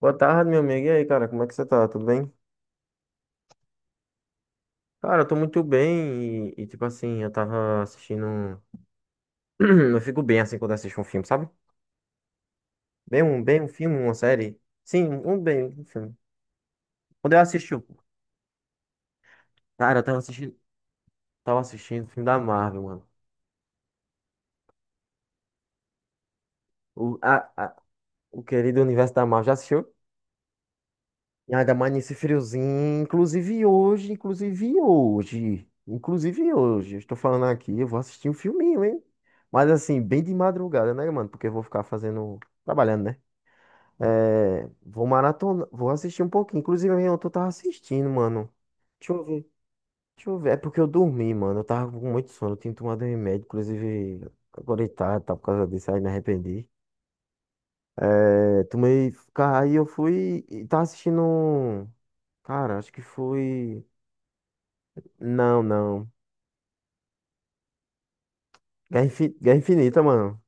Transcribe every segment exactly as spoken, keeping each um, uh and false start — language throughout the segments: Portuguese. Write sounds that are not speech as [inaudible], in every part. Boa tarde, meu amigo. E aí, cara, como é que você tá? Tudo bem? Cara, eu tô muito bem e, e, tipo assim, eu tava assistindo. um- [clears throat] Eu fico bem assim quando eu assisto um filme, sabe? Bem um, bem um filme, uma série. Sim, um bem um filme. Quando eu assisti, o- cara, eu tava assistindo, tava assistindo o filme da Marvel, mano. O, a, a- o querido universo da Marvel. Já assistiu? E ainda mais nesse friozinho, inclusive hoje, inclusive hoje, inclusive hoje, eu estou falando aqui, eu vou assistir um filminho, hein? Mas assim, bem de madrugada, né, mano? Porque eu vou ficar fazendo, trabalhando, né? É, vou maratona, vou assistir um pouquinho. Inclusive, eu tô tava assistindo, mano. Deixa eu ver, deixa eu ver. É porque eu dormi, mano. Eu tava com muito sono, eu tinha tomado um remédio, inclusive, agora tá, tá por causa disso, aí me arrependi. É, tomei, aí eu fui e tava assistindo. um- Cara, acho que foi. Não, não. Guerra, Infi- Guerra Infinita, mano.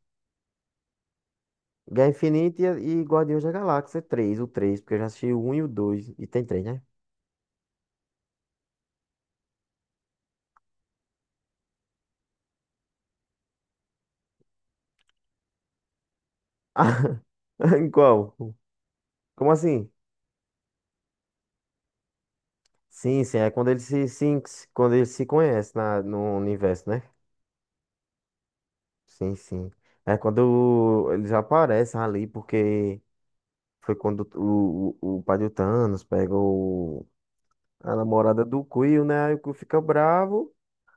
Guerra Infinita e, e Guardiões da Galáxia três o três, porque eu já assisti o um e o dois, e tem três, né? [laughs] Ah, em qual? Como assim? Sim, sim, é quando eles se, sim, quando eles se conhecem na, no universo, né? Sim, sim. É quando eles aparecem ali, porque foi quando o, o, o pai do Thanos pega o, a namorada do Quill, né? Aí o Quill fica bravo.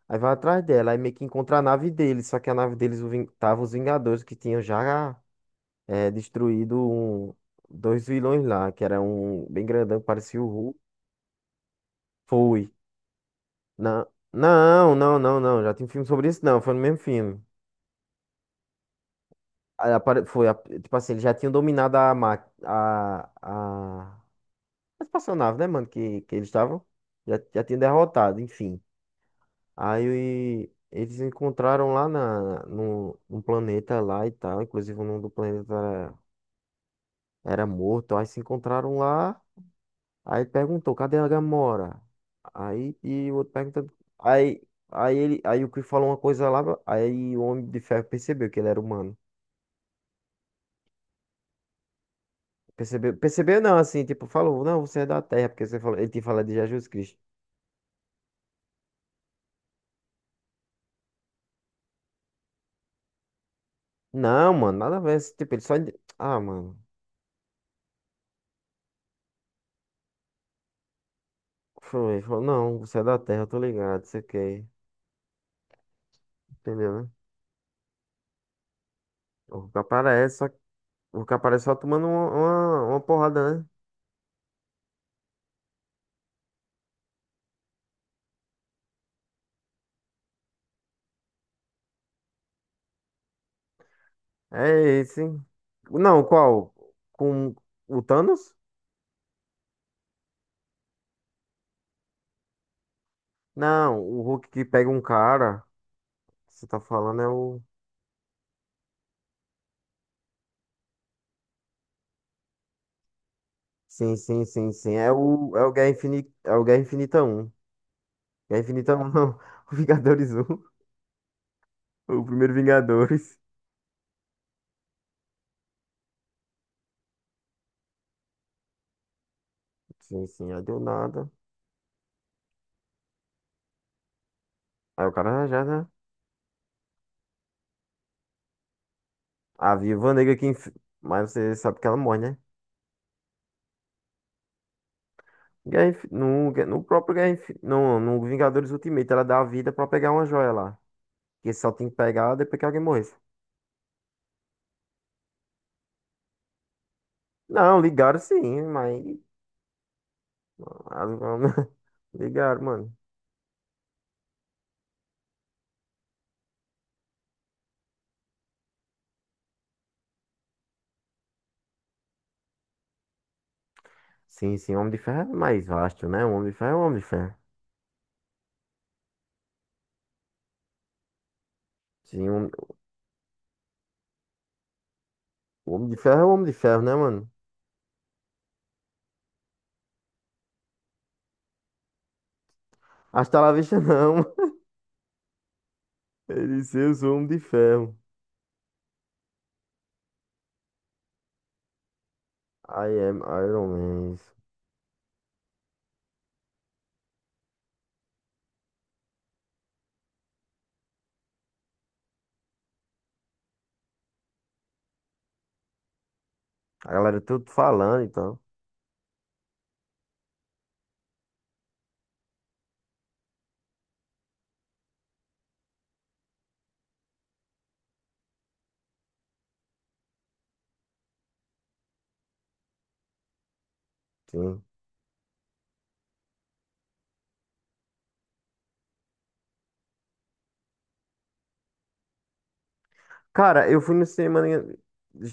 Aí vai atrás dela, aí meio que encontra a nave deles, só que a nave deles, o Ving- tava os Vingadores, que tinham já eh, destruído um- dois vilões lá, que era um bem grandão, que parecia o Hulk. Foi. Na... Não, não, não, não, já tem filme sobre isso, não, foi no mesmo filme. Aí apare- foi, a- tipo assim, eles já tinham dominado a, ma... a... a... a espaçonave, né, mano, que, que eles estavam, já, já tinham derrotado, enfim. Aí eles encontraram lá na, no, num planeta lá e tal. Inclusive o nome do planeta era, era morto. Aí se encontraram lá. Aí ele perguntou, cadê a Gamora? Aí e o outro perguntando. Aí, aí, ele, aí o Chris falou uma coisa lá. Aí o Homem de Ferro percebeu que ele era humano. Percebeu, percebeu não, assim, tipo, falou, não, você é da Terra, porque você falou, ele tinha falado de Jesus Cristo. Não, mano, nada a ver. Assim, tipo, ele só. inde- Ah, mano. Foi, ele falou, não, você é da Terra, eu tô ligado, sei o que. Entendeu, né? O que aparece, só, o que aparece é só tomando uma, uma, uma porrada, né? É esse. Não, qual? Com o Thanos? Não, o Hulk que pega um cara. Você tá falando é o. Sim, sim, sim, sim. É o, é o Guerra Infinita, é o Guerra Infinita um. Guerra Infinita um, não. [laughs] O Vingadores um. O primeiro Vingadores. Sim, sim, aí deu nada. Aí o cara já, né? A Viúva Negra que. enf- Mas você sabe que ela morre, né? Guerra Infi- no, no próprio Guerra Infi- no, no Vingadores Ultimate, ela dá a vida pra pegar uma joia lá. Que só tem que pegar depois que alguém morresse. Não, ligaram, sim, mas. [laughs] Ligaram, mano. Sim, sim, Homem de Ferro é mais vasto, né? O Homem de Ferro é o Homem de Ferro. Sim, o o Homem de Ferro é o Homem de Ferro, né, mano? Hasta lá vista, não. [laughs] Ele disse, eu sou o Homem de Ferro. I am Iron Man. A galera tudo falando e tal. Sim. Cara, eu fui no cinema em-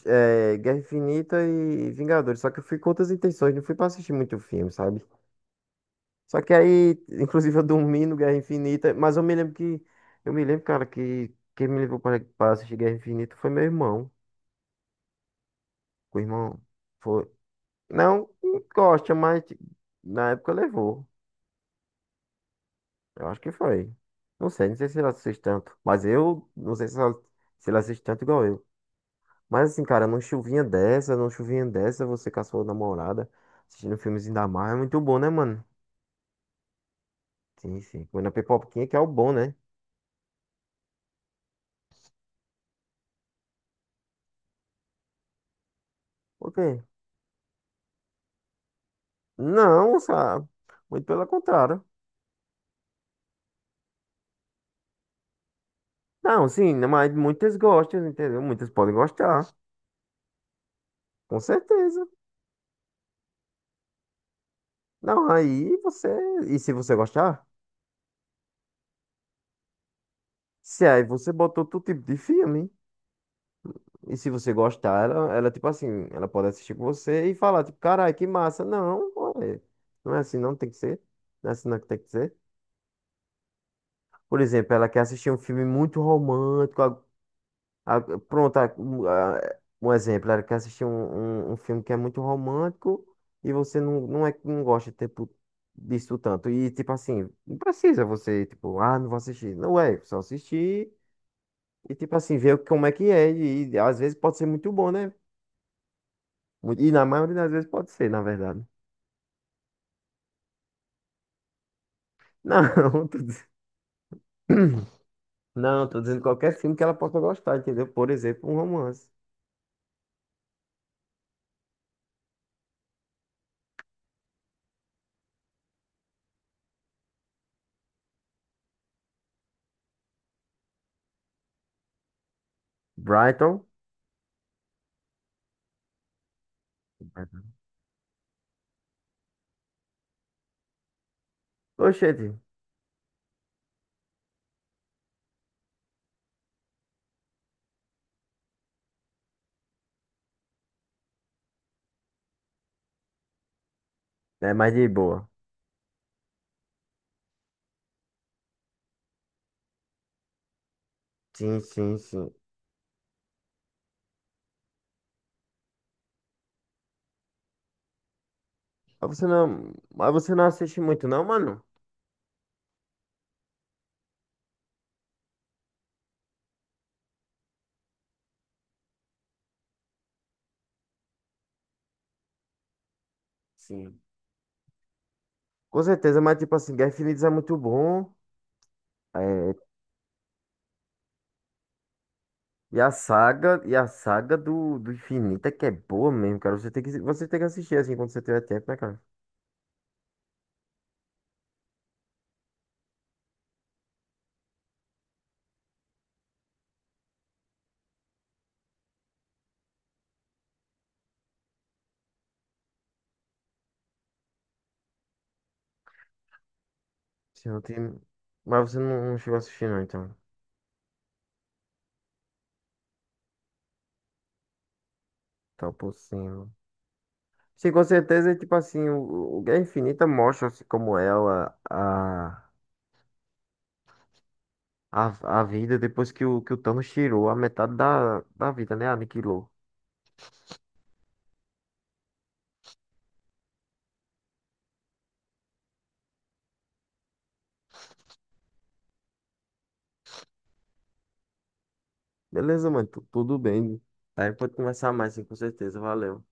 é, Guerra Infinita e Vingadores, só que eu fui com outras intenções, não fui pra assistir muito filme, sabe? Só que aí, inclusive, eu dormi no Guerra Infinita, mas eu me lembro que, eu me lembro, cara, que quem me levou para pra assistir Guerra Infinita foi meu irmão. O irmão foi. Não, um gosta, mas na época levou. Eu acho que foi. Não sei, não sei se ele assiste tanto, mas eu não sei se ela- se ele assiste tanto igual eu. Mas assim, cara, numa chuvinha dessa, numa chuvinha dessa, você com a sua namorada, assistindo um filmezinho da Marvel, é muito bom, né, mano? Sim, sim. Comendo a pipoquinha, que é o bom, né? Por quê? Não, sabe? Muito pelo contrário. Não, sim, né, mas muitas gostam, entendeu? Muitas podem gostar, com certeza. Não, aí você. E se você gostar? Se aí você botou todo tipo de filme. E se você gostar, ela, ela, tipo assim, ela pode assistir com você e falar, tipo, carai, que massa. Não, ué, não é assim, não tem que ser. Não é assim, não que tem que ser. Por exemplo, ela quer assistir um filme muito romântico. a- a- pronto, a- um a- um exemplo, ela quer assistir um, um, um filme que é muito romântico, e você não, não, é, não gosta, tipo, disso tanto. E tipo assim, não precisa você, tipo, ah, não vou assistir. Não é, só assistir e tipo assim, ver como é que é. E, e às vezes pode ser muito bom, né? Muito- E na maioria das vezes pode ser, na verdade. Não, [laughs] tô diz- [clears throat] não, tô dizendo qualquer filme que ela possa gostar, entendeu? Por exemplo, um romance. Brighton. Oxente. É mais de boa. Sim, sim, sim. Mas você não, mas você não assiste muito, não, mano? Sim. Com certeza, mas tipo assim, Guerra Infinita é muito bom. É, e a saga, e a saga do, do Infinita é que é boa mesmo, cara. Você tem que, você tem que assistir assim quando você tiver tempo, né, cara? Se não tem, mas você não, não chegou a assistir, não, então. Tá por cima. Sim, com certeza, tipo assim, o, o Guerra Infinita mostra assim, como é a, a, a, a vida depois que o, que o Thanos tirou a metade da, da vida, né? Aniquilou. Beleza, mano. tu- Tudo bem. Aí pode conversar mais, sim, com certeza. Valeu.